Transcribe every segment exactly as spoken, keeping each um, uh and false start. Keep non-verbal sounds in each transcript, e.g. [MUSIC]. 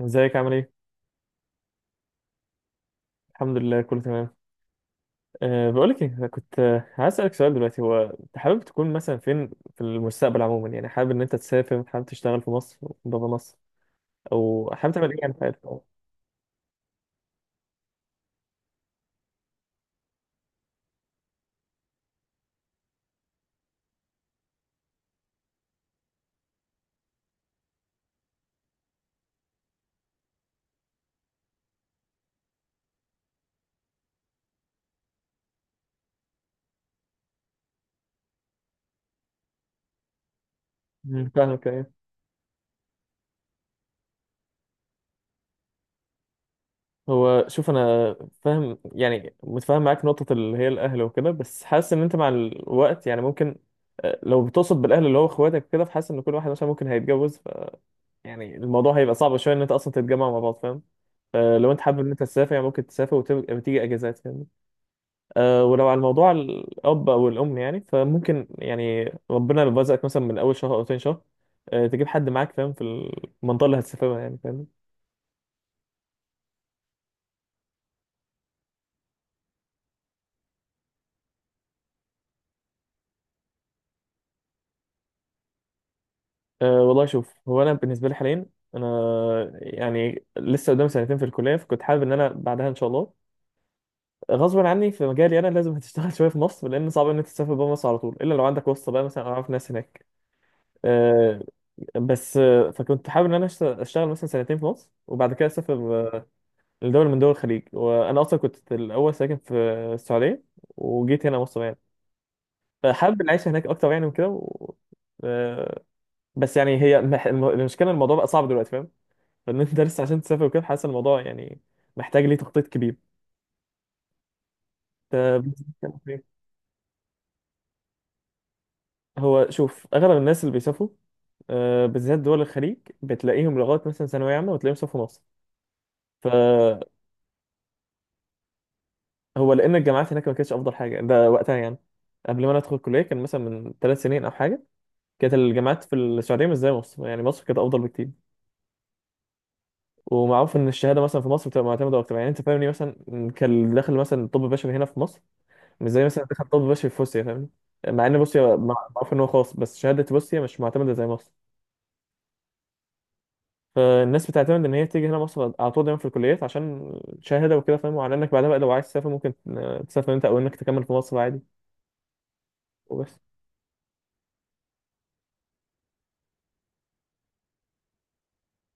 ازيك عامل ايه؟ الحمد لله كله تمام. أه بقولك ايه، أنا كنت آه، عايز اسألك سؤال. دلوقتي هو انت حابب تكون مثلا فين في المستقبل عموما؟ يعني حابب ان انت تسافر، حابب تشتغل في مصر؟ بابا مصر. او حابب تعمل ايه يعني في حياتك؟ مم، فاهمك. ايه هو شوف، انا فاهم يعني متفاهم معاك نقطة اللي هي الاهل وكده، بس حاسس ان انت مع الوقت يعني ممكن. آه، لو بتقصد بالاهل اللي هو اخواتك كده، فحاسس ان كل واحد مثلا ممكن هيتجوز. يعني الموضوع هيبقى صعب شويه ان انت اصلا تتجمع مع بعض، فاهم؟ فلو انت حابب ان انت تسافر، يعني ممكن تسافر وتيجي اجازات، فاهم؟ أه ولو على الموضوع الاب او الام، يعني فممكن يعني ربنا لو رزقك مثلا من اول شهر او تاني شهر، أه تجيب حد معاك، فاهم؟ في المنطقه اللي هتسافرها يعني، فاهم؟ أه والله شوف، هو انا بالنسبه لي حاليا، انا يعني لسه قدام سنتين في الكليه، فكنت حابب ان انا بعدها ان شاء الله غصبا عني في مجالي انا لازم هتشتغل [LAUGHS] شويه في مصر، لان صعب ان انت تسافر بره مصر على طول الا لو عندك واسطه بقى مثلا أو اعرف ناس هناك. آه، بس آه، فكنت حابب ان انا أشت- اشتغل مثلا سنتين في مصر وبعد كده اسافر آه، لدولة من دول الخليج. وانا اصلا كنت الاول ساكن في السعودية وجيت هنا مصر يعني، فحابب العيشة هناك اكتر يعني وكده و... آه، بس يعني هي مح- الم- المشكلة، الموضوع بقى صعب دلوقتي، فاهم؟ فان انت لسه عشان تسافر وكده حاسس الموضوع يعني محتاج ليه تخطيط كبير. آه، [LAUGHS] هو شوف، اغلب الناس اللي بيسافروا آه، بالذات دول الخليج، بتلاقيهم لغايه مثلا ثانويه عامه وتلاقيهم سافروا مصر. هو لان الجامعات هناك ما كانتش افضل حاجه ده وقتها يعني. قبل ما انا ادخل الكليه كان مثلا من ثلاث سنين او حاجه. كانت الجامعات في السعوديه مش زي مصر، يعني مصر كانت افضل بكتير. ومعروف ان الشهاده مثلا في مصر بتبقى معتمده اكتر، يعني انت فاهمني. مثلا كان اللي داخل مثلا طب بشري هنا في مصر مش زي مثلا دخل طب بشري في روسيا، فاهمني؟ مع ان روسيا مع- معروف ان هو خاص، بس شهاده روسيا مش معتمده زي مصر. فالناس بتعتمد ان هي تيجي هنا مصر على طول دايما في الكليات عشان شهاده وكده، فاهم؟ وعلى انك بعدها بقى لو عايز تسافر ممكن تسافر انت، او انك تكمل في مصر عادي. وبس.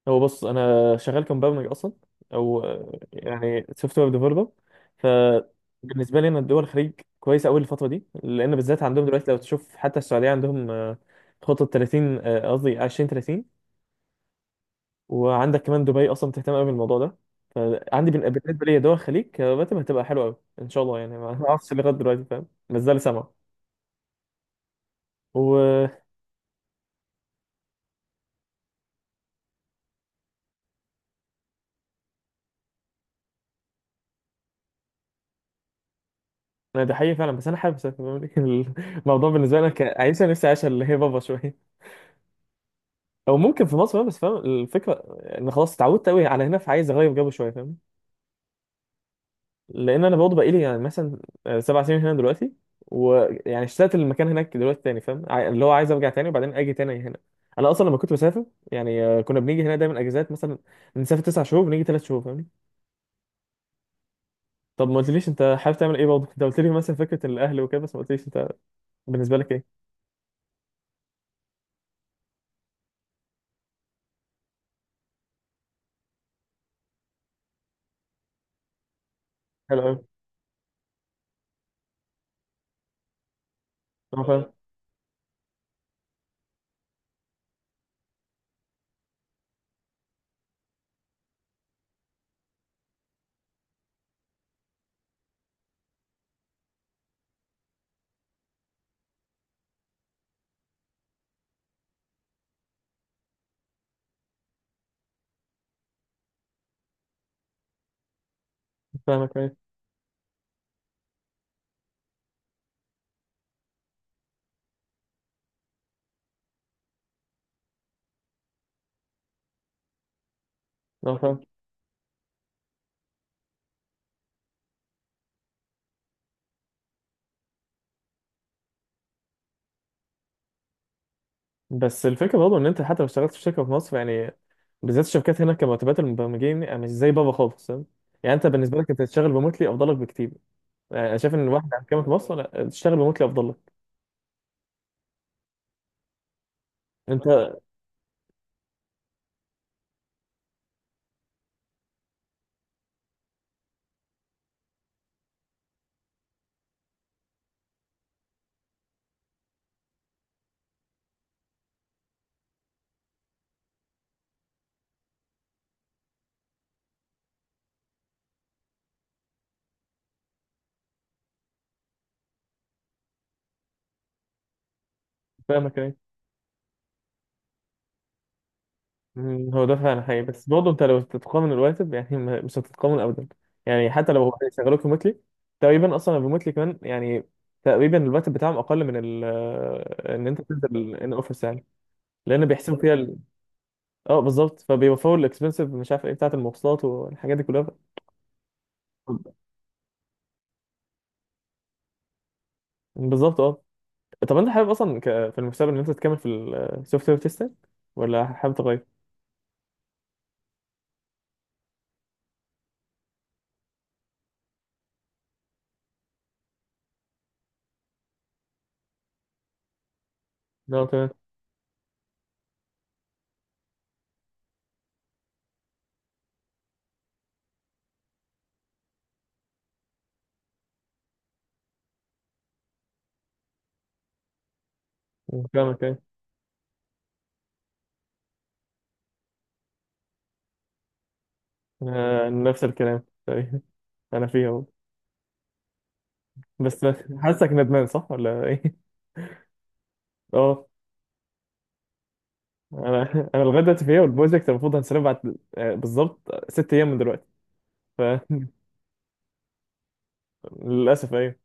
هو بص، انا شغال كمبرمج اصلا، او آه، يعني سوفت وير ديفلوبر. فبالنسبه لي انا الدول الخليج كويسه قوي الفتره دي، لان بالذات عندهم دلوقتي لو تشوف حتى السعوديه عندهم آه، خطه ثلاثين، آه، قصدي عشرين ثلاثين. وعندك كمان دبي اصلا بتهتم قوي بالموضوع ده. فعندي بن- بالنسبه لي دول الخليج كراتب هتبقى حلوه قوي ان شاء الله يعني. [LAUGHS] ما ما اعرفش لغايه دلوقتي، فاهم؟ ما زال سامع وانا. ده حقيقي فعلا بس انا حابب اسافر. [LAUGHS] الموضوع بالنسبه لي انا كعيشه نفسي، عايشه اللي هي بابا شويه او ممكن في مصر بقى، بس فاهم الفكره. ان خلاص اتعودت قوي على هنا فعايز اغير جو شويه، فاهم؟ لان انا برضه بقالي يعني مثلا سبع سنين هنا دلوقتي. ويعني اشتقت للمكان هناك دلوقتي تاني، فاهم؟ عاي- اللي هو عايز ارجع تاني وبعدين اجي تاني هنا. انا اصلا لما كنت بسافر يعني آه، كنا بنيجي هنا دايما اجازات. مثلا بنسافر تسع شهور بنيجي ثلاث شهور، فاهمني؟ طب ما قلتليش انت حابب تعمل ايه برضه. انت قلت لي مثلا فكره الاهل وكده، بس ما قلتليش انت بالنسبه لك ايه. حلو قوي. انا فاهم. فاهمك، ماشي. انا فاهم بس الفكره برضه ان انت حتى لو اشتغلت في شركه في مصر يعني، بالذات الشركات هنا كمرتبات المبرمجين آه، مش زي بابا خالص، فاهم؟ يعني انت بالنسبه لك انت تشتغل ريموتلي افضل لك بكتير. يعني انا شايف ان الواحد على كامل في مصر، لا، تشتغل ريموتلي افضل لك. انت فاهمك. ايه مم، هو ده فعلا حقيقي، بس برضه انت لو تتقامن الراتب يعني ما- مش هتتقامن ابدا. يعني حتى لو هو هيشغلوك ريموتلي، تقريبا اصلا الريموتلي كمان يعني تقريبا الراتب بتاعهم اقل من ال آه، ان انت تنزل ان اوفيس يعني، لان بيحسبوا فيها. اه بالظبط، فبيوفروا الاكسبنسيف، مش عارف ايه، بتاعة المواصلات والحاجات دي كلها. بالظبط اه. طب انت حابب اصلا ك... في المستقبل ان انت تكمل في السوفت وير تيستنج، ولا حابب تغير؟ لا تمام. فاهمك ايه. آه، نفس الكلام تقريباً. انا فيها اهو، بس حاسك [LAUGHS] ندمان صح ولا ايه؟ اه. انا انا لغايه دلوقتي فيها، والبروجكت المفروض هنسلمه بعد آه، بالظبط ست ايام من دلوقتي. ف. [LAUGHS] للاسف ايوه.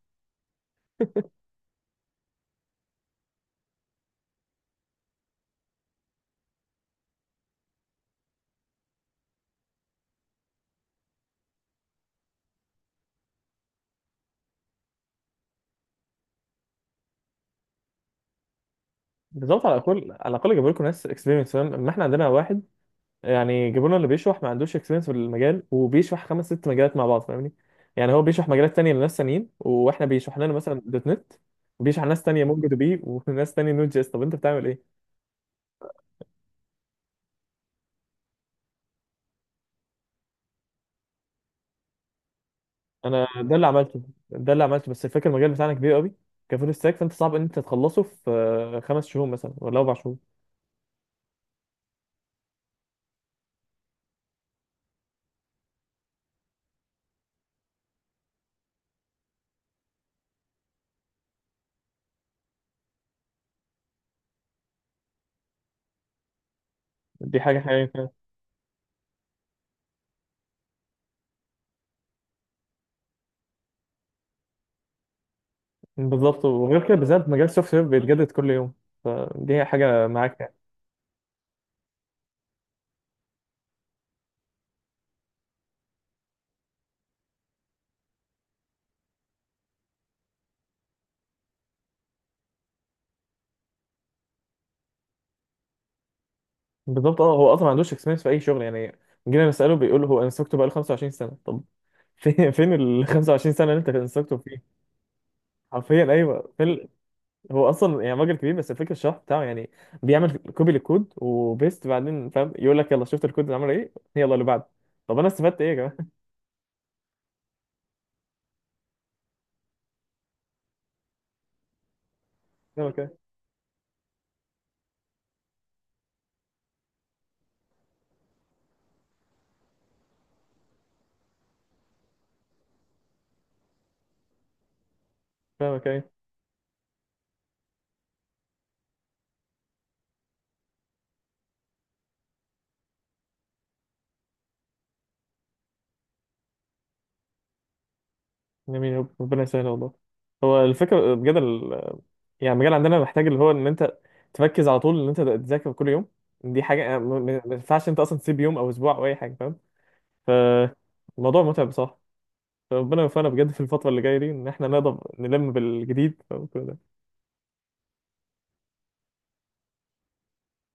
بالظبط، على الاقل على الاقل جابوا لكم ناس اكسبيرينس، فاهم؟ اما احنا عندنا واحد يعني جبرونا اللي بيشرح ما عندوش اكسبيرينس في المجال، وبيشرح خمس ست مجالات مع بعض، فاهمني؟ يعني هو بيشرح مجالات تانية لناس تانيين، واحنا بيشرح لنا مثلا دوت نت، وبيشرح ناس تانية مونجو دي بي، وناس تانية نوت جي اس. طب انت بتعمل ايه؟ انا ده اللي عملته، ده اللي عملته، بس الفكره المجال بتاعنا كبير قوي كفول ستاك، فانت صعب ان انت تخلصه في آه، خمس شهور مثلا ولا اربع شهور. دي حاجه حقيقيه فعلا. بالظبط، وغير كده بالذات مجال السوفت وير بيتجدد كل يوم، فدي حاجه معاك يعني. بالظبط اه. هو اصلا ما عندوش اكسبيرينس في اي شغل يعني. جينا نساله بيقول هو انستراكتور بقاله خمسة وعشرين سنه، طب فين فين ال الخمسة والعشرين سنه اللي انت انستراكتور فيه؟ حرفيا ايوه، فين ال-. هو اصلا يعني راجل كبير، بس الفكره الشرح بتاعه يعني، بيعمل كوبي للكود وبيست بعدين، فاهم؟ يقول لك يلا شفت الكود اللي عمل ايه، يلا اللي بعده، طب انا استفدت ايه يا جماعه؟ [LAUGHS] فاهمك ايه فاهمك ايه جميل، رب- ربنا يسهل والله. هو الفكره بجد ال-، يعني المجال عندنا محتاج اللي هو ان انت تركز على طول ان انت تذاكر كل يوم. دي حاجه ما ما- ما ينفعش انت اصلا تسيب يوم او اسبوع او اي حاجه، فاهم؟ فالموضوع متعب بصراحه. فربنا يوفقنا بجد في الفترة اللي جاية دي إن إحنا نقدر نلم بالجديد.